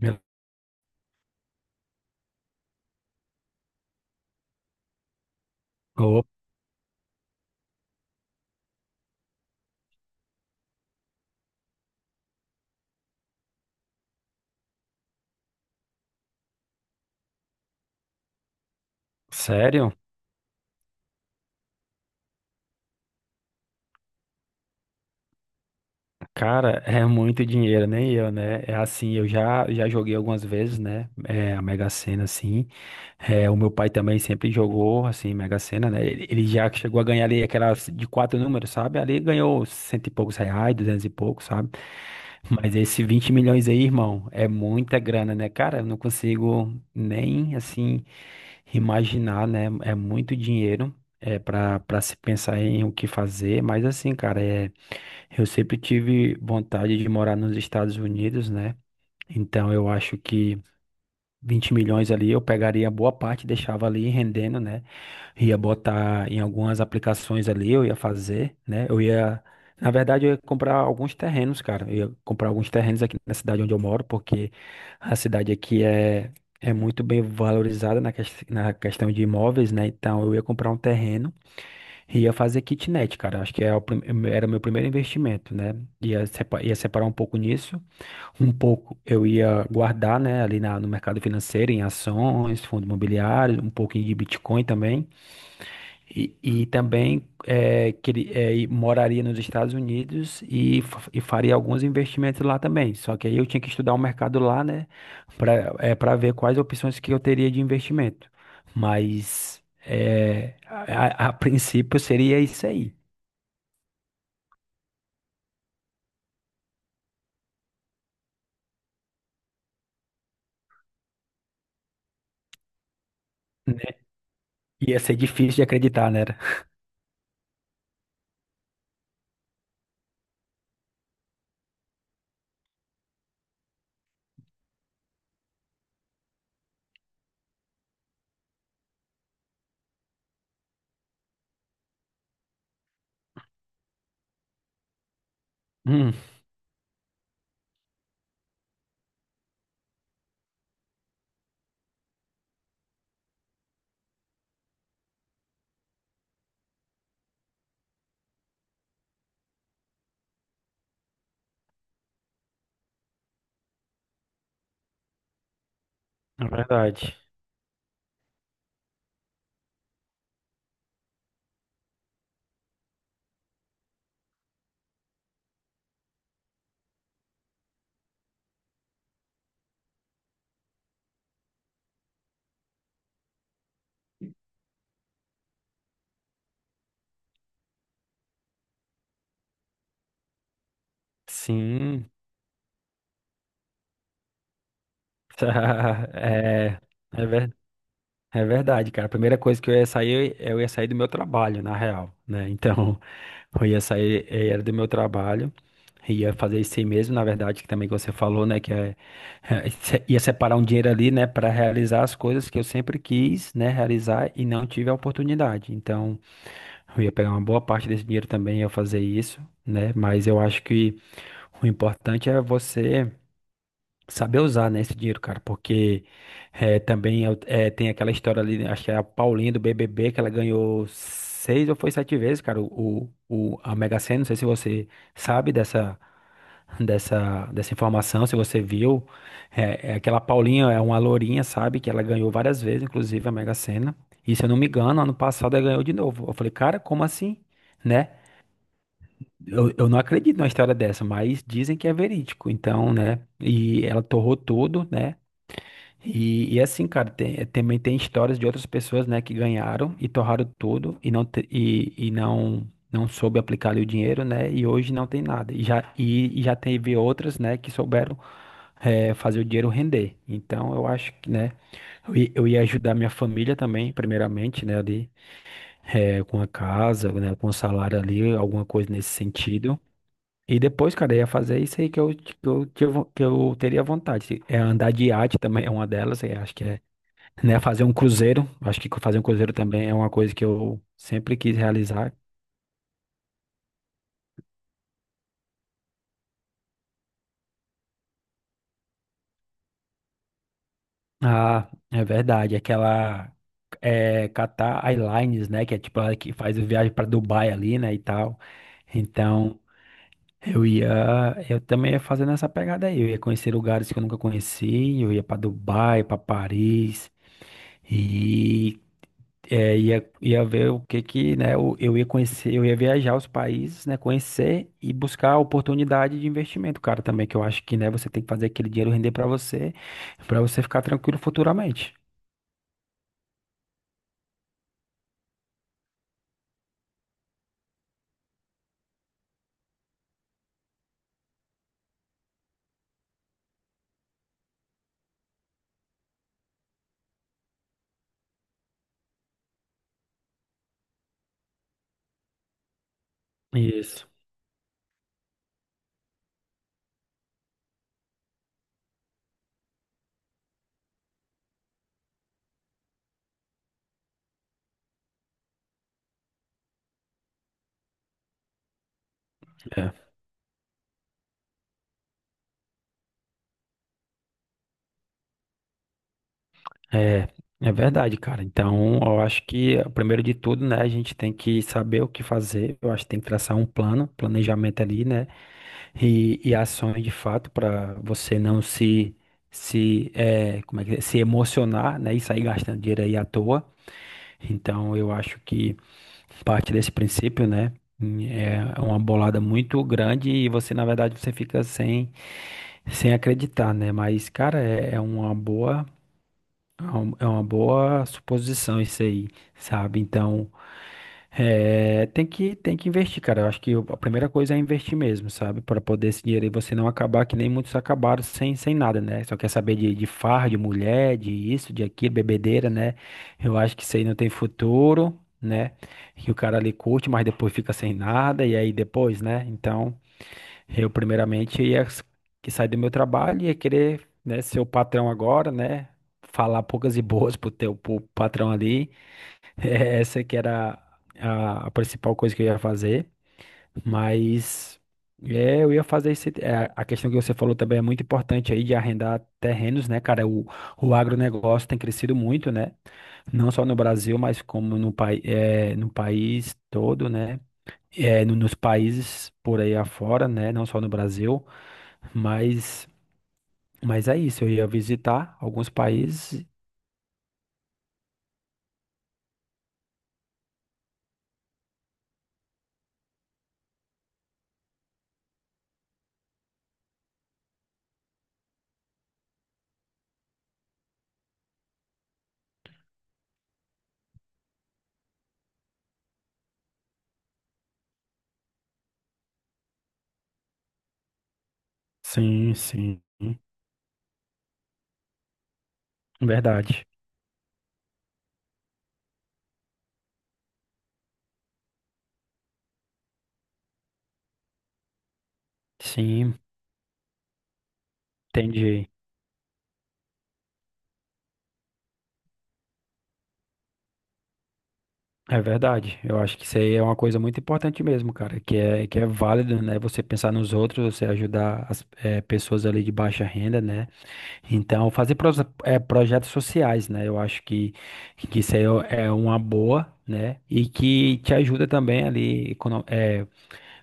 Meu- Sério? Cara, é muito dinheiro, nem eu, né? É assim, eu já joguei algumas vezes, né? É, a Mega Sena, assim. É, o meu pai também sempre jogou, assim, Mega Sena, né? Ele já chegou a ganhar ali aquelas de quatro números, sabe? Ali ganhou cento e poucos reais, duzentos e poucos, sabe? Mas esse 20 milhões aí, irmão, é muita grana, né? Cara, eu não consigo nem, assim, imaginar, né? É muito dinheiro, é, para se pensar em o que fazer, mas assim, cara, é eu sempre tive vontade de morar nos Estados Unidos, né? Então eu acho que 20 milhões ali eu pegaria boa parte, deixava ali rendendo, né? Ia botar em algumas aplicações ali, eu ia fazer, né? Eu ia, na verdade, eu ia comprar alguns terrenos, cara. Eu ia comprar alguns terrenos aqui na cidade onde eu moro, porque a cidade aqui é muito bem valorizada na na questão de imóveis, né? Então eu ia comprar um terreno. Ia fazer kitnet, cara. Acho que era o meu primeiro investimento, né? Ia separar um pouco nisso. Um pouco eu ia guardar, né, ali no mercado financeiro, em ações, fundos imobiliários, um pouquinho de Bitcoin também. E também é, que ele, é, e moraria nos Estados Unidos e, e faria alguns investimentos lá também. Só que aí eu tinha que estudar o mercado lá, né, para ver quais opções que eu teria de investimento. Mas. É, a, a princípio seria isso aí. Né? Ia ser difícil de acreditar, né? Hum, é verdade. Sim. É, é, ver- é verdade, cara. A primeira coisa que eu ia sair do meu trabalho, na real, né? Então, eu ia sair, eu ia do meu trabalho, ia fazer isso aí mesmo, na verdade, que também que você falou, né? Que ia separar um dinheiro ali, né? Para realizar as coisas que eu sempre quis, né? Realizar e não tive a oportunidade. Então, eu ia pegar uma boa parte desse dinheiro também, ia fazer isso, né? Mas eu acho que o importante é você saber usar, né, esse dinheiro, cara, porque também tem aquela história ali, né, acho que é a Paulinha do BBB, que ela ganhou seis ou foi sete vezes, cara, a Mega Sena, não sei se você sabe dessa informação, se você viu, é aquela Paulinha é uma lourinha, sabe, que ela ganhou várias vezes, inclusive a Mega Sena, e se eu não me engano, ano passado ela ganhou de novo, eu falei, cara, como assim? Né? Eu não acredito numa história dessa, mas dizem que é verídico, então, né? E ela torrou tudo, né? E assim, cara, também tem histórias de outras pessoas, né, que ganharam e torraram tudo e não soube aplicar ali o dinheiro, né? E hoje não tem nada. E já teve outras, né, que souberam fazer o dinheiro render. Então, eu acho que, né, eu ia ajudar minha família também, primeiramente, né, ali, com a casa, né, com o salário ali, alguma coisa nesse sentido. E depois, cara, eu ia fazer isso aí que eu teria vontade. É andar de iate também, é uma delas. Eu acho que é, né, fazer um cruzeiro. Acho que fazer um cruzeiro também é uma coisa que eu sempre quis realizar. Ah, é verdade. Aquela é, Qatar Airlines, né, que é tipo a que faz a viagem para Dubai ali, né, e tal. Então, eu ia, eu também ia fazendo essa pegada aí. Eu ia conhecer lugares que eu nunca conheci. Eu ia para Dubai, para Paris. E é, ia ver o que que, né, eu ia conhecer, eu ia viajar os países, né, conhecer e buscar oportunidade de investimento, cara, também, que eu acho que, né, você tem que fazer aquele dinheiro render pra você ficar tranquilo futuramente. Isso. É, é, é verdade, cara. Então, eu acho que, primeiro de tudo, né, a gente tem que saber o que fazer, eu acho que tem que traçar um plano, planejamento ali, né. E ações de fato para você não se se é, como é que é? Se emocionar, né, e sair gastando dinheiro aí à toa. Então eu acho que parte desse princípio, né, é uma bolada muito grande e você na verdade você fica sem acreditar, né? Mas cara, é, uma boa, é uma boa suposição isso aí, sabe? Então, é, tem que investir, cara. Eu acho que a primeira coisa é investir mesmo, sabe? Para poder esse dinheiro aí você não acabar que nem muitos acabaram sem nada, né? Só quer saber de farra, de mulher, de isso, de aquilo, bebedeira, né? Eu acho que isso aí não tem futuro, né? Que o cara ali curte, mas depois fica sem nada, e aí depois, né? Então. Eu, primeiramente, ia s- que sair do meu trabalho e ia querer, né, ser o patrão agora, né? Falar poucas e boas pro patrão ali. Essa que era a principal coisa que eu ia fazer. Mas é, eu ia fazer isso. É, a questão que você falou também é muito importante aí de arrendar terrenos, né, cara? O agronegócio tem crescido muito, né? Não só no Brasil, mas como no, pai, é, no país todo, né? É, nos países por aí afora, né? Não só no Brasil. Mas, mas é isso, eu ia visitar alguns países. Sim, sim, verdade. Sim, entendi. É verdade. Eu acho que isso aí é uma coisa muito importante mesmo, cara, que é válido, né? Você pensar nos outros, você ajudar as pessoas ali de baixa renda, né? Então, fazer projetos sociais, né? Eu acho que isso aí é uma boa, né? E que te ajuda também ali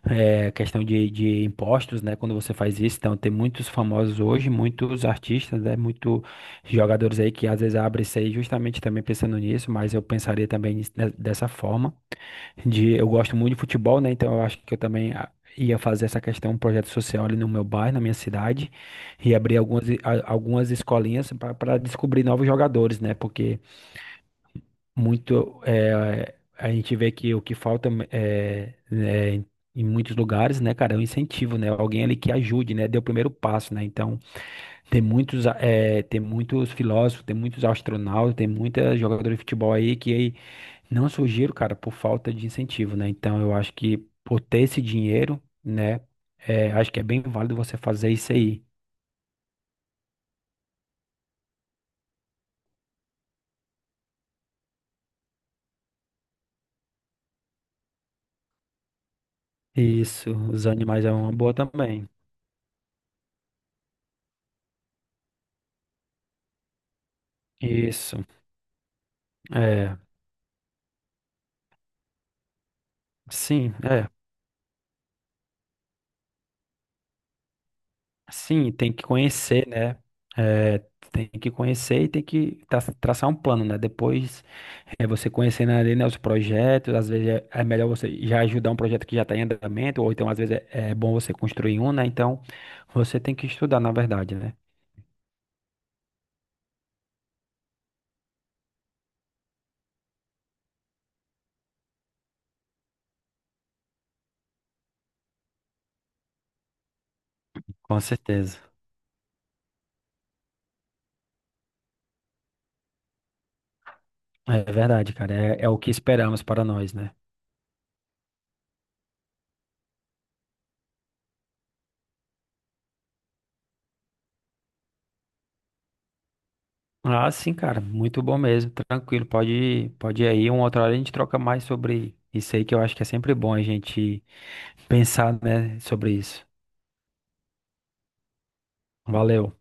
é, questão de impostos, né? Quando você faz isso, então tem muitos famosos hoje, muitos artistas, né? Muitos jogadores aí que às vezes abrem isso aí justamente também pensando nisso, mas eu pensaria também nisso dessa forma. De, eu gosto muito de futebol, né? Então eu acho que eu também ia fazer essa questão, um projeto social ali no meu bairro, na minha cidade, e abrir algumas escolinhas para descobrir novos jogadores, né? Porque muito é, a gente vê que o que falta é, em muitos lugares, né, cara, é um incentivo, né, alguém ali que ajude, né, dê o primeiro passo, né, então tem muitos filósofos, tem muitos astronautas, tem muita jogadora de futebol aí que aí não surgiram, cara, por falta de incentivo, né, então eu acho que por ter esse dinheiro, né, é, acho que é bem válido você fazer isso aí. Isso, os animais é uma boa também. Isso, é, sim, é. Sim, tem que conhecer, né? É, tem que conhecer e tem que traçar um plano, né? Depois, é, você conhecendo ali, né, os projetos, às vezes é melhor você já ajudar um projeto que já está em andamento, ou então às vezes é bom você construir um, né? Então, você tem que estudar, na verdade, né? Com certeza. É verdade, cara. É o que esperamos para nós, né? Ah, sim, cara. Muito bom mesmo. Tranquilo. Pode ir aí. Uma outra hora a gente troca mais sobre isso aí, que eu acho que é sempre bom a gente pensar, né, sobre isso. Valeu.